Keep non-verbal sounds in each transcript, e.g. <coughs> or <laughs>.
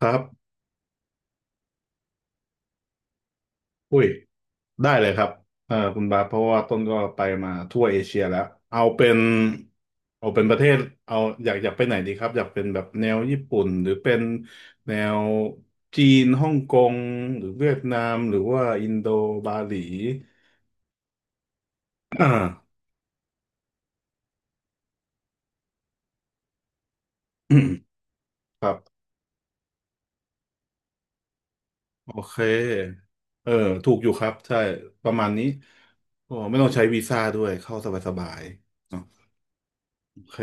ครับอุ้ยได้เลยครับเออคุณบาสเพราะว่าต้นก็ไปมาทั่วเอเชียแล้ว เอาเป็นเอาเป็นประเทศเอาอยากไปไหนดีครับ อยากเป็นแบบแนวญี่ปุ่น หรือเป็นแนวจีนฮ่องกงหรือเวียดนาม หรือว่าอินโดบาหลีอ่า <clears throat> ครับโอเค เออ ถูกอยู่ครับ ใช่ ประมาณนี้โอ้ไม่ต้องใช้วีซ่าด้วย เข้าสบายๆเนอะ โอเค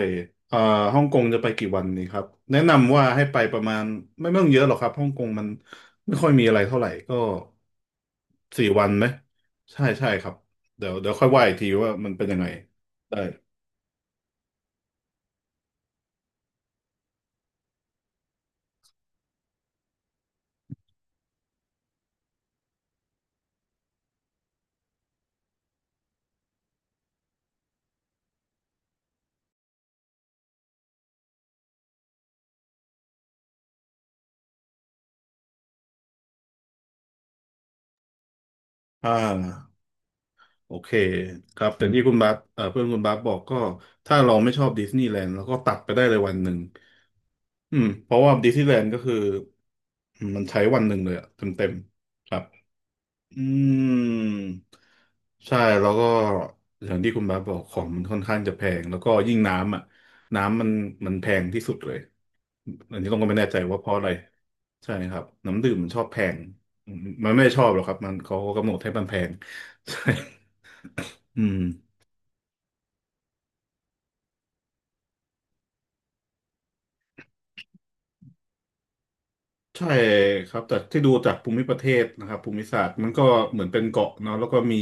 เอ่อฮ่องกงจะไปกี่วันนี้ครับ แนะนำว่าให้ไปประมาณไม่ต้องเยอะหรอกครับฮ่องกงมันไม่ค่อยมีอะไรเท่าไหร่ก็สี่วันไหม ใช่ใช่ครับเดี๋ยวค่อยว่าอีกทีว่ามันเป็นยังไงได้อ่าโอเค ครับแต่ที่คุณบาสเพื่อนคุณบาสบอกก็ถ้าเราไม่ชอบดิสนีย์แลนด์เราก็ตัดไปได้เลยวันหนึ่งอืมเพราะว่าดิสนีย์แลนด์ก็คือมันใช้วันหนึ่งเลยอะเต็มครับ อืมใช่แล้วก็อย่างที่คุณบาสบอกของมันค่อนข้างจะแพงแล้วก็ยิ่งน้ำอ่ะน้ำมันมันแพงที่สุดเลยอันนี้ต้องก็ไม่แน่ใจว่าเพราะอะไรใช่ครับน้ำดื่มมันชอบแพงอืมมันไม่ได้ชอบหรอกครับมันเขาก็กำหนดให้มันแพง <laughs> ใช่อืม ใช่ครับแต่ที่ดูจากภูมิประเทศนะครับภูมิศาสตร์มันก็เหมือนเป็นเกาะเนาะแล้วก็มี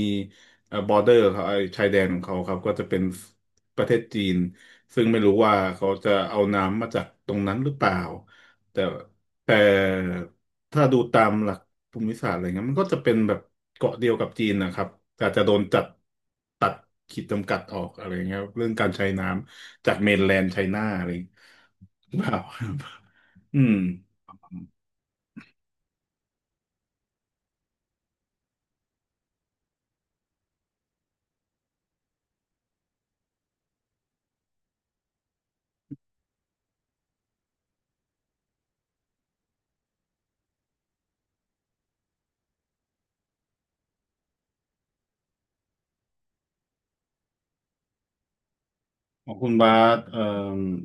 บอร์เดอร์ครับไอ้ชายแดนของเขาครับก็จะเป็นประเทศจีนซึ่งไม่รู้ว่าเขาจะเอาน้ำมาจากตรงนั้นหรือเปล่าแต่แต่ถ้าดูตามหลักภูมิศาสตร์อะไรเงี้ยมันก็จะเป็นแบบเกาะเดียวกับจีนนะครับแต่อาจจะโดนจัดตัดขีดจำกัดออกอะไรเงี้ยครับเรื่องการใช้น้ำจากเมนแลนด์ไชน่าอะไรอย่างเงี้ย <laughs> หรือเปล่าครับอืม ของคุณบาส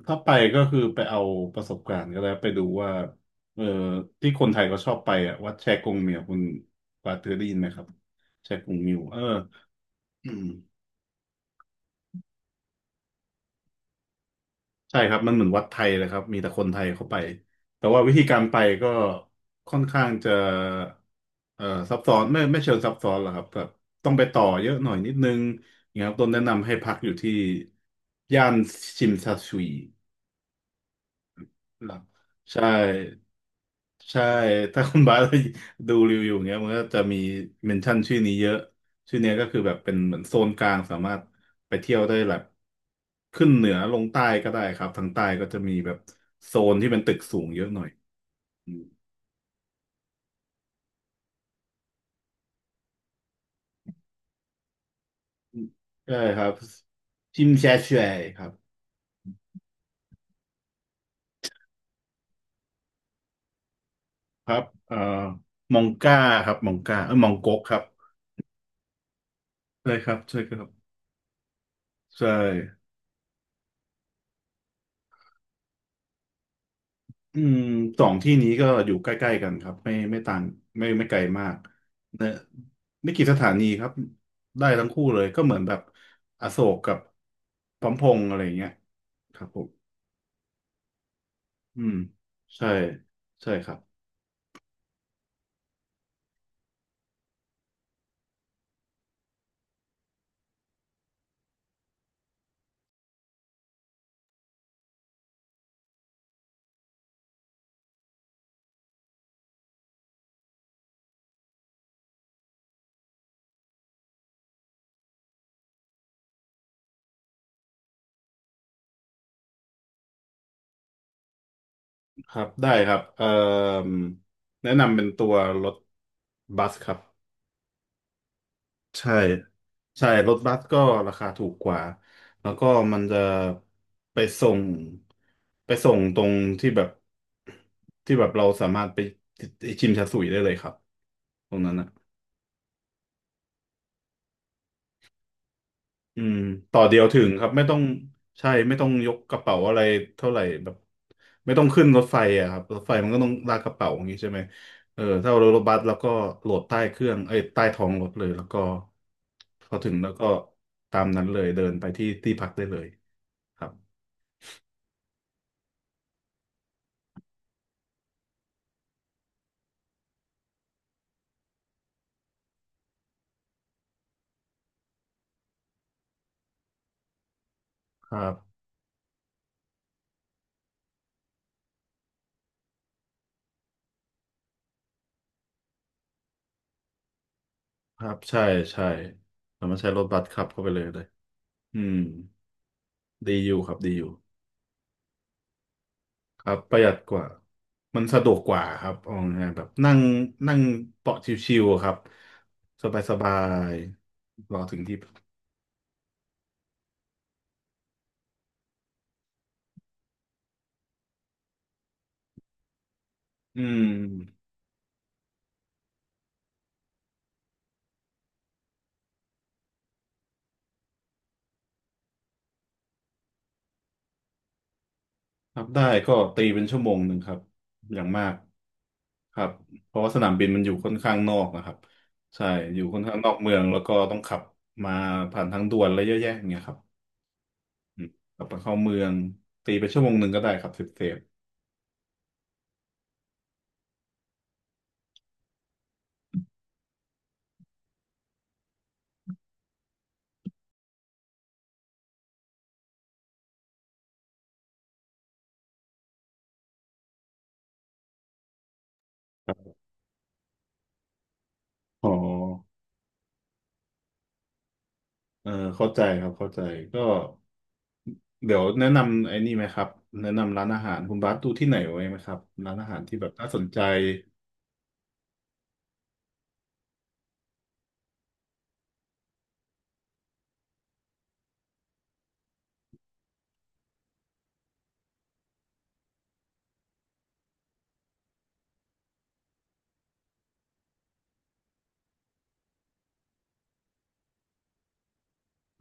ถ้าไปก็คือไปเอาประสบการณ์ก็แล้วไปดูว่าเอ่อที่คนไทยก็ชอบไปอ่ะวัดแชกงเมียวคุณบาสเคยได้ยินไหมครับแชกงมิวเอออืมใช่ครับมันเหมือนวัดไทยเลยครับมีแต่คนไทยเข้าไปแต่ว่าวิธีการไปก็ค่อนข้างจะเอ่อซับซ้อนไม่เชิงซับซ้อนหรอกครับแบบต้องไปต่อเยอะหน่อยนิดนึงอย่างเงี้ยครับต้นแนะนำให้พักอยู่ที่ย่านชิมซาซุยหลักใช่ ใช่ถ้าคุณบาสดูรีวิวอย่างเงี้ยมันก็จะมีเมนชั่นชื่อนี้เยอะชื่อเนี้ยก็คือแบบเป็นเหมือนโซนกลางสามารถไปเที่ยวได้แบบขึ้นเหนือลงใต้ก็ได้ครับทางใต้ก็จะมีแบบโซนที่เป็นตึกสูงเยอะหน่อยอืมใช่ครับชิมแชช่วยครับครับมองก้าครับมองก้าเออมองก๊กครับใช่ครับใช่ครับใช่ อืมสองที่นี้ก็อยู่ใกล้ๆกันครับไม่ต่างไม่ไกลมากเนอะไม่กี่สถานีครับได้ทั้งคู่เลยก็เหมือนแบบอโศกกับพร้อมพงษ์อะไรอย่างเงี้ยครับผมอืมใช่ใช่ครับครับได้ครับแนะนำเป็นตัวรถบัสครับใช่ ใช่รถบัสก็ราคาถูกกว่าแล้วก็มันจะไปส่งไปส่งตรงที่แบบที่แบบเราสามารถไปชิมชาสุยได้เลยครับตรงนั้นอ่ะอืมต่อเดียวถึงครับไม่ต้องใช่ไม่ต้องยกกระเป๋าอะไรเท่าไหร่แบบไม่ต้องขึ้นรถไฟอ่ะครับรถไฟมันก็ต้องลากกระเป๋าอย่างนี้ใช่ไหมเออถ้าเรารถบัสแล้วก็โหลดใต้เครื่องเอ้ยใต้ท้องรถเลยแล้วก็พอถึงแล้วก็ตามนั้นเลยเดินไปที่ที่พักได้เลยครับ ครับครับใช่ใช่เรามารถใช้รถบัสขับเข้าไปเลยอืมดีอยู่ครับดีอยู่ครับประหยัดกว่ามันสะดวกกว่าครับเอาง่ายๆแบบนั่งนั่งเบาะชิวๆอะครับสบายสบายรอถึงที่อืมครับได้ก็ตีเป็นชั่วโมงหนึ่งครับอย่างมากครับเพราะว่าสนามบินมันอยู่ค่อนข้างนอกนะครับใช่อยู่ค่อนข้างนอกเมืองแล้วก็ต้องขับมาผ่านทางด่วนอะไรเยอะแยะอย่างเงี้ยครับ อืมกลับมาเข้าเมืองตีไปชั่วโมงหนึ่งก็ได้ครับเซฟเซฟอ๋อเออเข้าใจครับเข้าใจก็เดี๋ยวแนะนำไอ้นี่ไหมครับแนะนำร้านอาหารคุณบาสดูที่ไหนไว้ไหมครับร้านอาหารที่แบบน่าสนใจ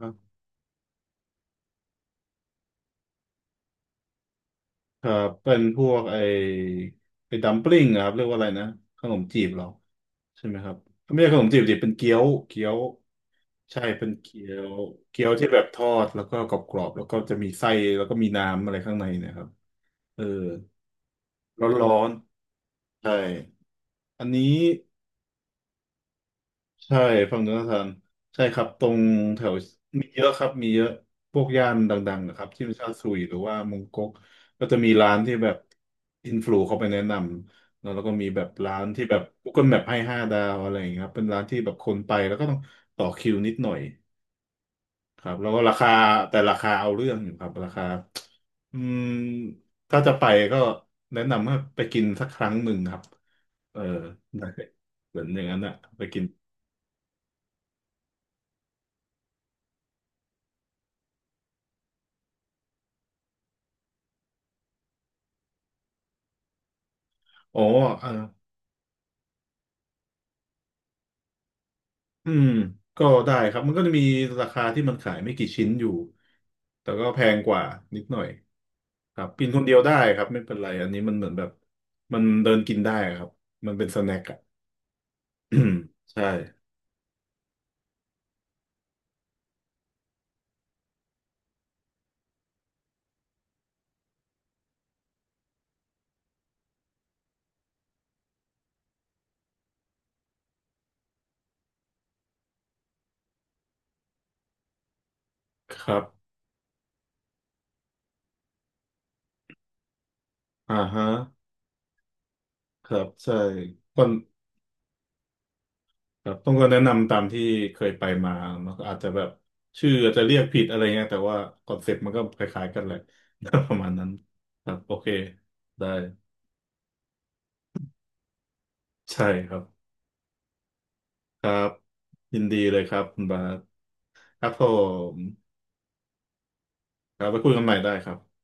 ครับเป็นพวกไอ้ดัมปลิ้งอะครับเรียกว่าอะไรนะขนมจีบเหรอใช่ไหมครับไม่ใช่ขนมจีบดิเป็นเกี๊ยวใช่เป็นเกี๊ยวเกี๊ยวที่แบบทอดแล้วก็กรอบๆแล้วก็จะมีไส้แล้วก็มีน้ำอะไรข้างในเนะครับเออ ร้อนๆใช่ อันนี้ใช่ฝั่งธนาคารใช่ครับตรงแถวมีเยอะครับมีเยอะพวกย่านดังๆนะครับที่มันชาซุยหรือว่ามงก๊กก็จะมีร้านที่แบบอินฟลูเขาไปแนะนำแล้วแล้วก็มีแบบร้านที่แบบ Google Map ให้5 ดาวอะไรอย่างเงี้ยครับเป็นร้านที่แบบคนไปแล้วก็ต้องต่อคิวนิดหน่อย ครับแล้วก็ราคาแต่ราคาเอาเรื่องอยู่ครับราคาอืมถ้าจะไปก็แนะนำว่าไปกินสักครั้งหนึ่งครับเออ <laughs> ได้เหมือนอย่างนั้นอะไปกินอ๋อเอออืมก็ได้ครับมันก็จะมีราคาที่มันขายไม่กี่ชิ้นอยู่แต่ก็แพงกว่านิดหน่อยครับกินคนเดียวได้ครับไม่เป็นไรอันนี้มันเหมือนแบบมันเดินกินได้ครับมันเป็นสแน็คอะ <coughs> <clears throat> ใช่ครับอ่าฮะครับใช่ก่อน ครับต้องก็แนะนำตามที่เคยไปมามันก็อาจจะแบบชื่ออาจจะเรียกผิดอะไรเงี้ยแต่ว่าคอนเซ็ปต์มันก็คล้ายๆกันแหละ <laughs> ประมาณนั้นครับโอเคได้ใช่ครับครับยินดีเลยครับคุณบาสครับผมครับไปคุยกันใหม่ได้ครับ